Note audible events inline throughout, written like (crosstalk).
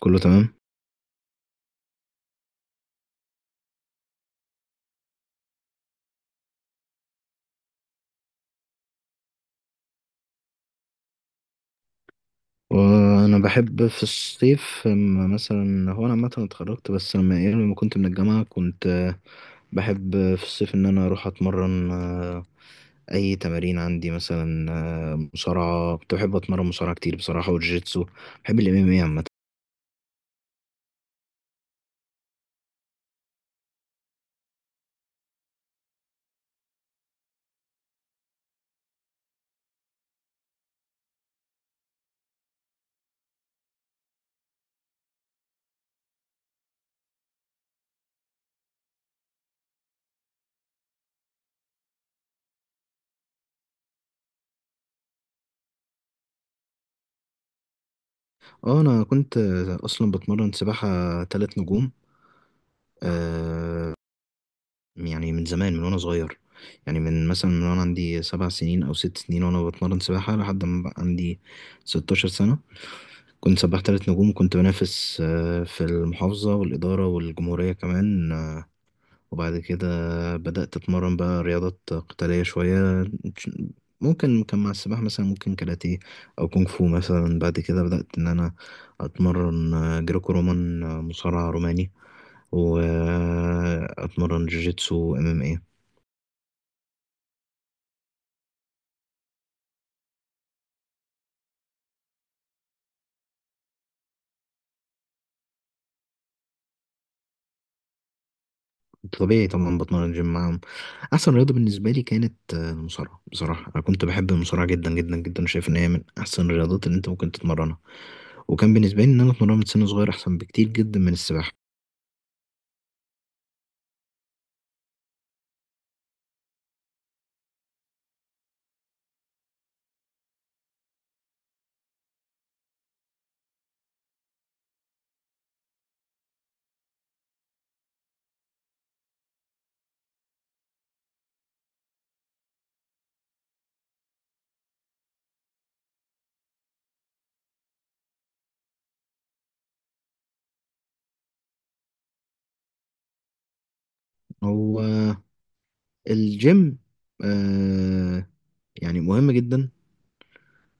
كله تمام. وانا بحب في الصيف، أما مثلا هو انا عامه اتخرجت، بس لما كنت من الجامعه كنت، بحب في الصيف ان انا اروح اتمرن. اي تمارين عندي مثلا. مصارعه، كنت بحب اتمرن مصارعه كتير بصراحه، والجيتسو. بحب الام ام اي عامه. اه، انا كنت اصلا بتمرن سباحه تلات نجوم. آه، يعني من زمان، من وانا صغير. يعني من مثلا، من وانا عندي 7 سنين او 6 سنين، وانا بتمرن سباحه لحد ما بقى عندي 16 سنه. كنت سباح تلات نجوم، وكنت بنافس في المحافظة والإدارة والجمهورية كمان. وبعد كده بدأت أتمرن بقى رياضات قتالية شوية. ممكن كان مع السباحة، مثلا ممكن كاراتيه أو كونغ فو. مثلا بعد كده بدأت إن أنا أتمرن جريكو رومان، مصارع روماني. وأتمرن جوجيتسو ام ام إيه. طبيعي طبعا بتمرن جيم معاهم. احسن رياضه بالنسبه لي كانت المصارعه. بصراحه انا كنت بحب المصارعه جدا جدا جدا. شايف ان هي من احسن الرياضات اللي انت ممكن تتمرنها. وكان بالنسبه لي ان انا اتمرنها من سن صغير احسن بكتير جدا من السباحه. هو آه، الجيم، آه يعني مهم جدا،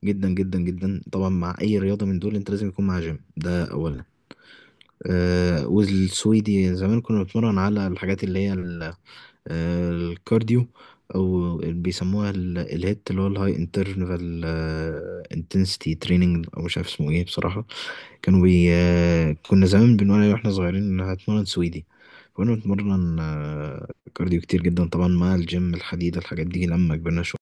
جدا جدا جدا. طبعا مع اي رياضه من دول انت لازم يكون معاها جيم، ده اولا. والسويدي زمان كنا بنتمرن على الحاجات اللي هي الكارديو، او بيسموها الهيت، اللي هو الهاي انترفال انتنسيتي تريننج، او مش عارف اسمه ايه بصراحه. كانوا بي آه، كنا زمان بنقول عليه واحنا صغيرين ان هتمرن سويدي. فكنا بنتمرن كارديو كتير جدا طبعا، مع الجيم الحديد، الحاجات دي لما كبرنا شويه.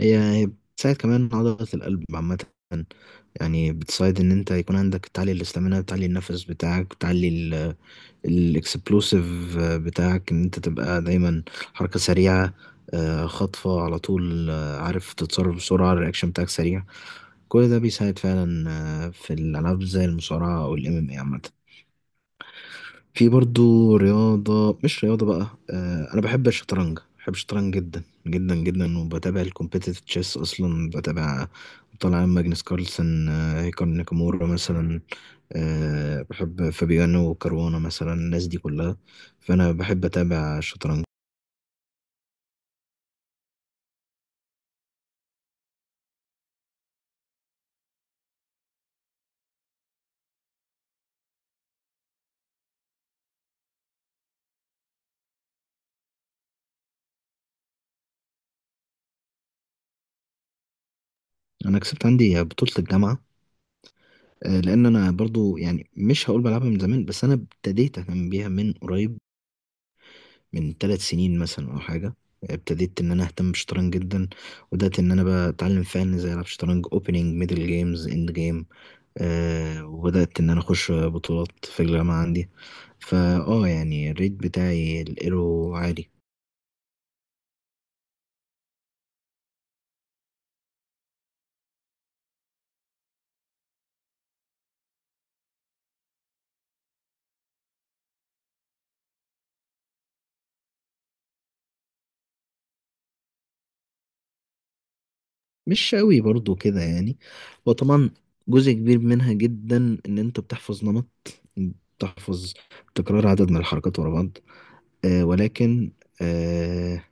هي بتساعد كمان عضله القلب عامه. يعني بتساعد ان انت يكون عندك تعلي الاستامينا، بتعلي النفس بتاعك، بتعلي الاكسبلوسيف بتاعك، ان انت تبقى دايما حركة سريعة. خطفة على طول، عارف تتصرف بسرعة، الرياكشن بتاعك سريع. كل ده بيساعد فعلا في الألعاب زي المصارعة أو ال MMA عامة. في برضو رياضة، مش رياضة بقى، أنا بحب الشطرنج. بحب الشطرنج جدا جدا جدا، وبتابع الكومبيتيتيف تشيس. أصلا بتابع، طالع ماجنس كارلسن، هيكار ناكامورا مثلا. بحب فابيانو وكاروانا مثلا، الناس دي كلها. فأنا بحب أتابع الشطرنج. أنا كسبت عندي بطولة الجامعة. لأن أنا برضو يعني مش هقول بلعبها من زمان، بس أنا ابتديت أهتم بيها من قريب، من 3 سنين مثلا او حاجه. ابتديت ان انا اهتم بالشطرنج جدا. وبدات ان انا بقى اتعلم فعلا ازاي العب شطرنج، اوبننج ميدل جيمز اند جيم. وبدات ان انا اخش بطولات في الجامعه عندي. فا يعني الريت بتاعي الايرو عالي. مش قوي برضو كده يعني. وطبعا جزء كبير منها جدا ان انت بتحفظ نمط، بتحفظ تكرار عدد من الحركات ورا بعض. ولكن آه،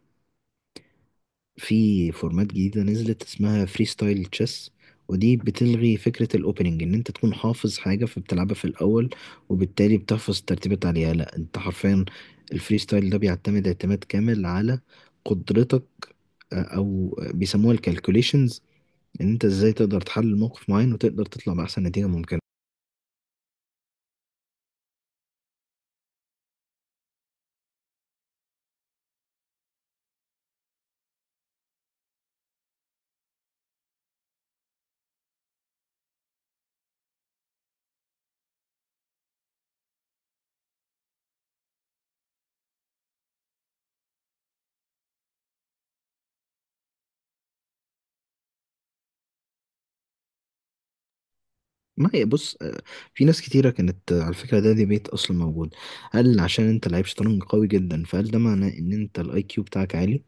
في فورمات جديدة نزلت اسمها فري ستايل تشيس. ودي بتلغي فكرة الأوبننج، إن أنت تكون حافظ حاجة فبتلعبها في الأول، وبالتالي بتحفظ الترتيبات عليها. لأ، أنت حرفيا الفري ستايل ده بيعتمد اعتماد كامل على قدرتك، أو بيسموها الكالكوليشنز، إن أنت إزاي تقدر تحلل موقف معين وتقدر تطلع بأحسن نتيجة ممكنة. ما هي بص، في ناس كتيرة كانت، على فكرة ده ديبيت أصلا موجود: هل عشان أنت لعيب شطرنج قوي جدا، فهل ده معناه إن أنت الأي كيو بتاعك عالي؟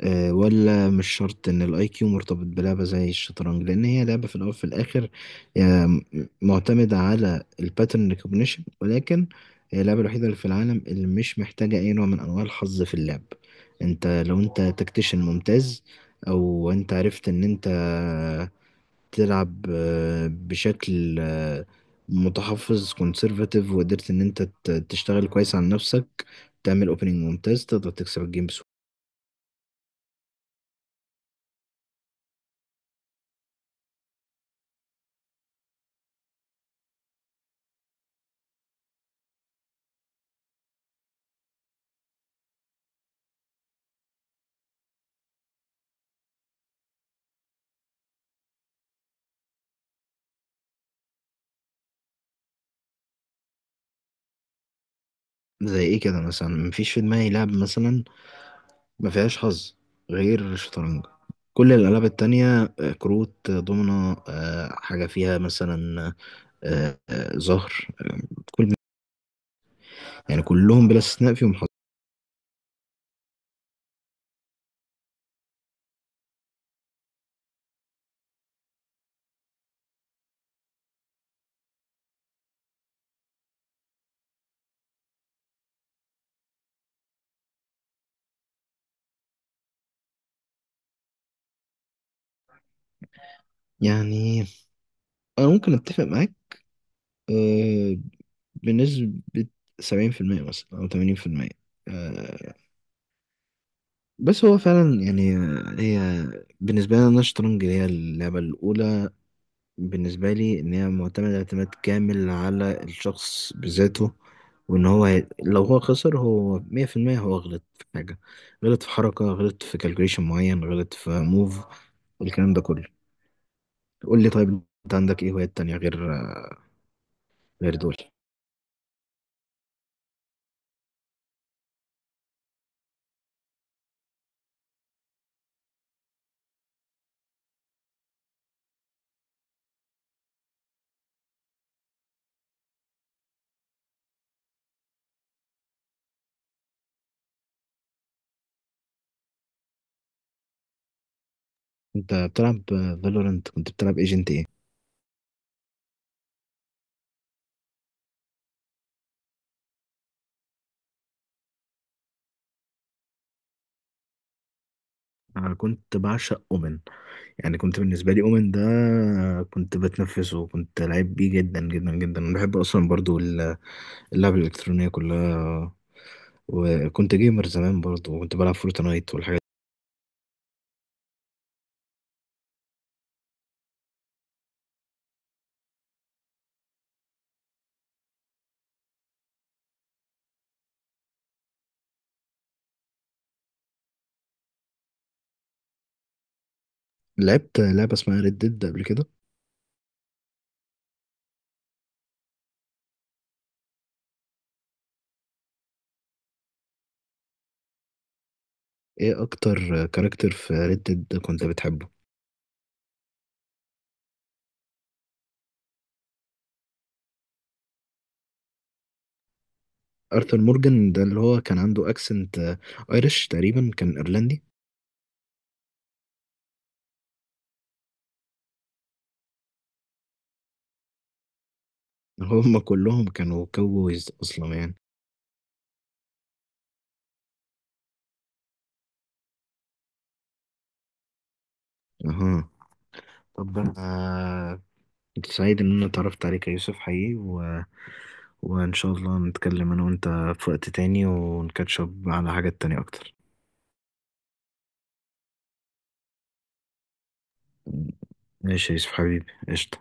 ولا مش شرط ان الاي كيو مرتبط بلعبه زي الشطرنج، لان هي لعبه في الاول وفي الاخر آه، م- معتمده على الباترن ريكوجنيشن. ولكن هي اللعبه الوحيده اللي في العالم اللي مش محتاجه اي نوع من انواع الحظ في اللعب. انت لو انت تكتيشن ممتاز، او انت عرفت ان انت تلعب بشكل متحفظ كونسرفاتيف، وقدرت ان انت تشتغل كويس على نفسك، تعمل اوبننج ممتاز، تقدر تكسب الجيم. زي ايه كده مثلا؟ مفيش في دماغي لعب مثلا ما فيهاش حظ غير الشطرنج. كل الالعاب التانية، كروت، دومنة، حاجة فيها مثلا زهر. آه، كل، يعني كلهم بلا استثناء فيهم حظ. يعني انا ممكن اتفق معاك آه، بنسبة 70% مثلا أو 80%. آه، بس هو فعلا يعني هي بالنسبة لنا الشطرنج هي اللعبة الأولى. بالنسبة لي، إن هي معتمدة اعتماد كامل على الشخص بذاته. لو هو خسر، هو 100% هو غلط في حاجة، غلط في حركة، غلط في كالكوليشن معين، غلط في موف. الكلام ده كله. قول لي، طيب أنت عندك إيه هوايات تانية غير دول؟ أنت بتلعب فالورنت؟ كنت بتلعب ايجنت إيه؟ أنا كنت بعشق أومن. يعني كنت بالنسبة لي أومن ده كنت بتنفسه، وكنت لعيب بيه جدا جدا جدا. أنا بحب أصلا برضو اللعب الإلكترونية كلها. وكنت جيمر زمان برضه، وكنت بلعب فورتنايت والحاجات دي. لعبت لعبة اسمها ريد ديد قبل كده. ايه اكتر كاركتر في ريد ديد كنت بتحبه؟ ارثر مورجان ده اللي هو كان عنده اكسنت ايرش تقريبا، كان ايرلندي. (laughs) هم كلهم كانوا كاوبويز اصلا يعني. اها. طب انا كنت سعيد ان انا اتعرفت عليك يا يوسف حقيقي، و... وان شاء الله نتكلم انا وانت في وقت تاني ونكاتشب على حاجات تانية اكتر. ماشي يا يوسف حبيبي، قشطة.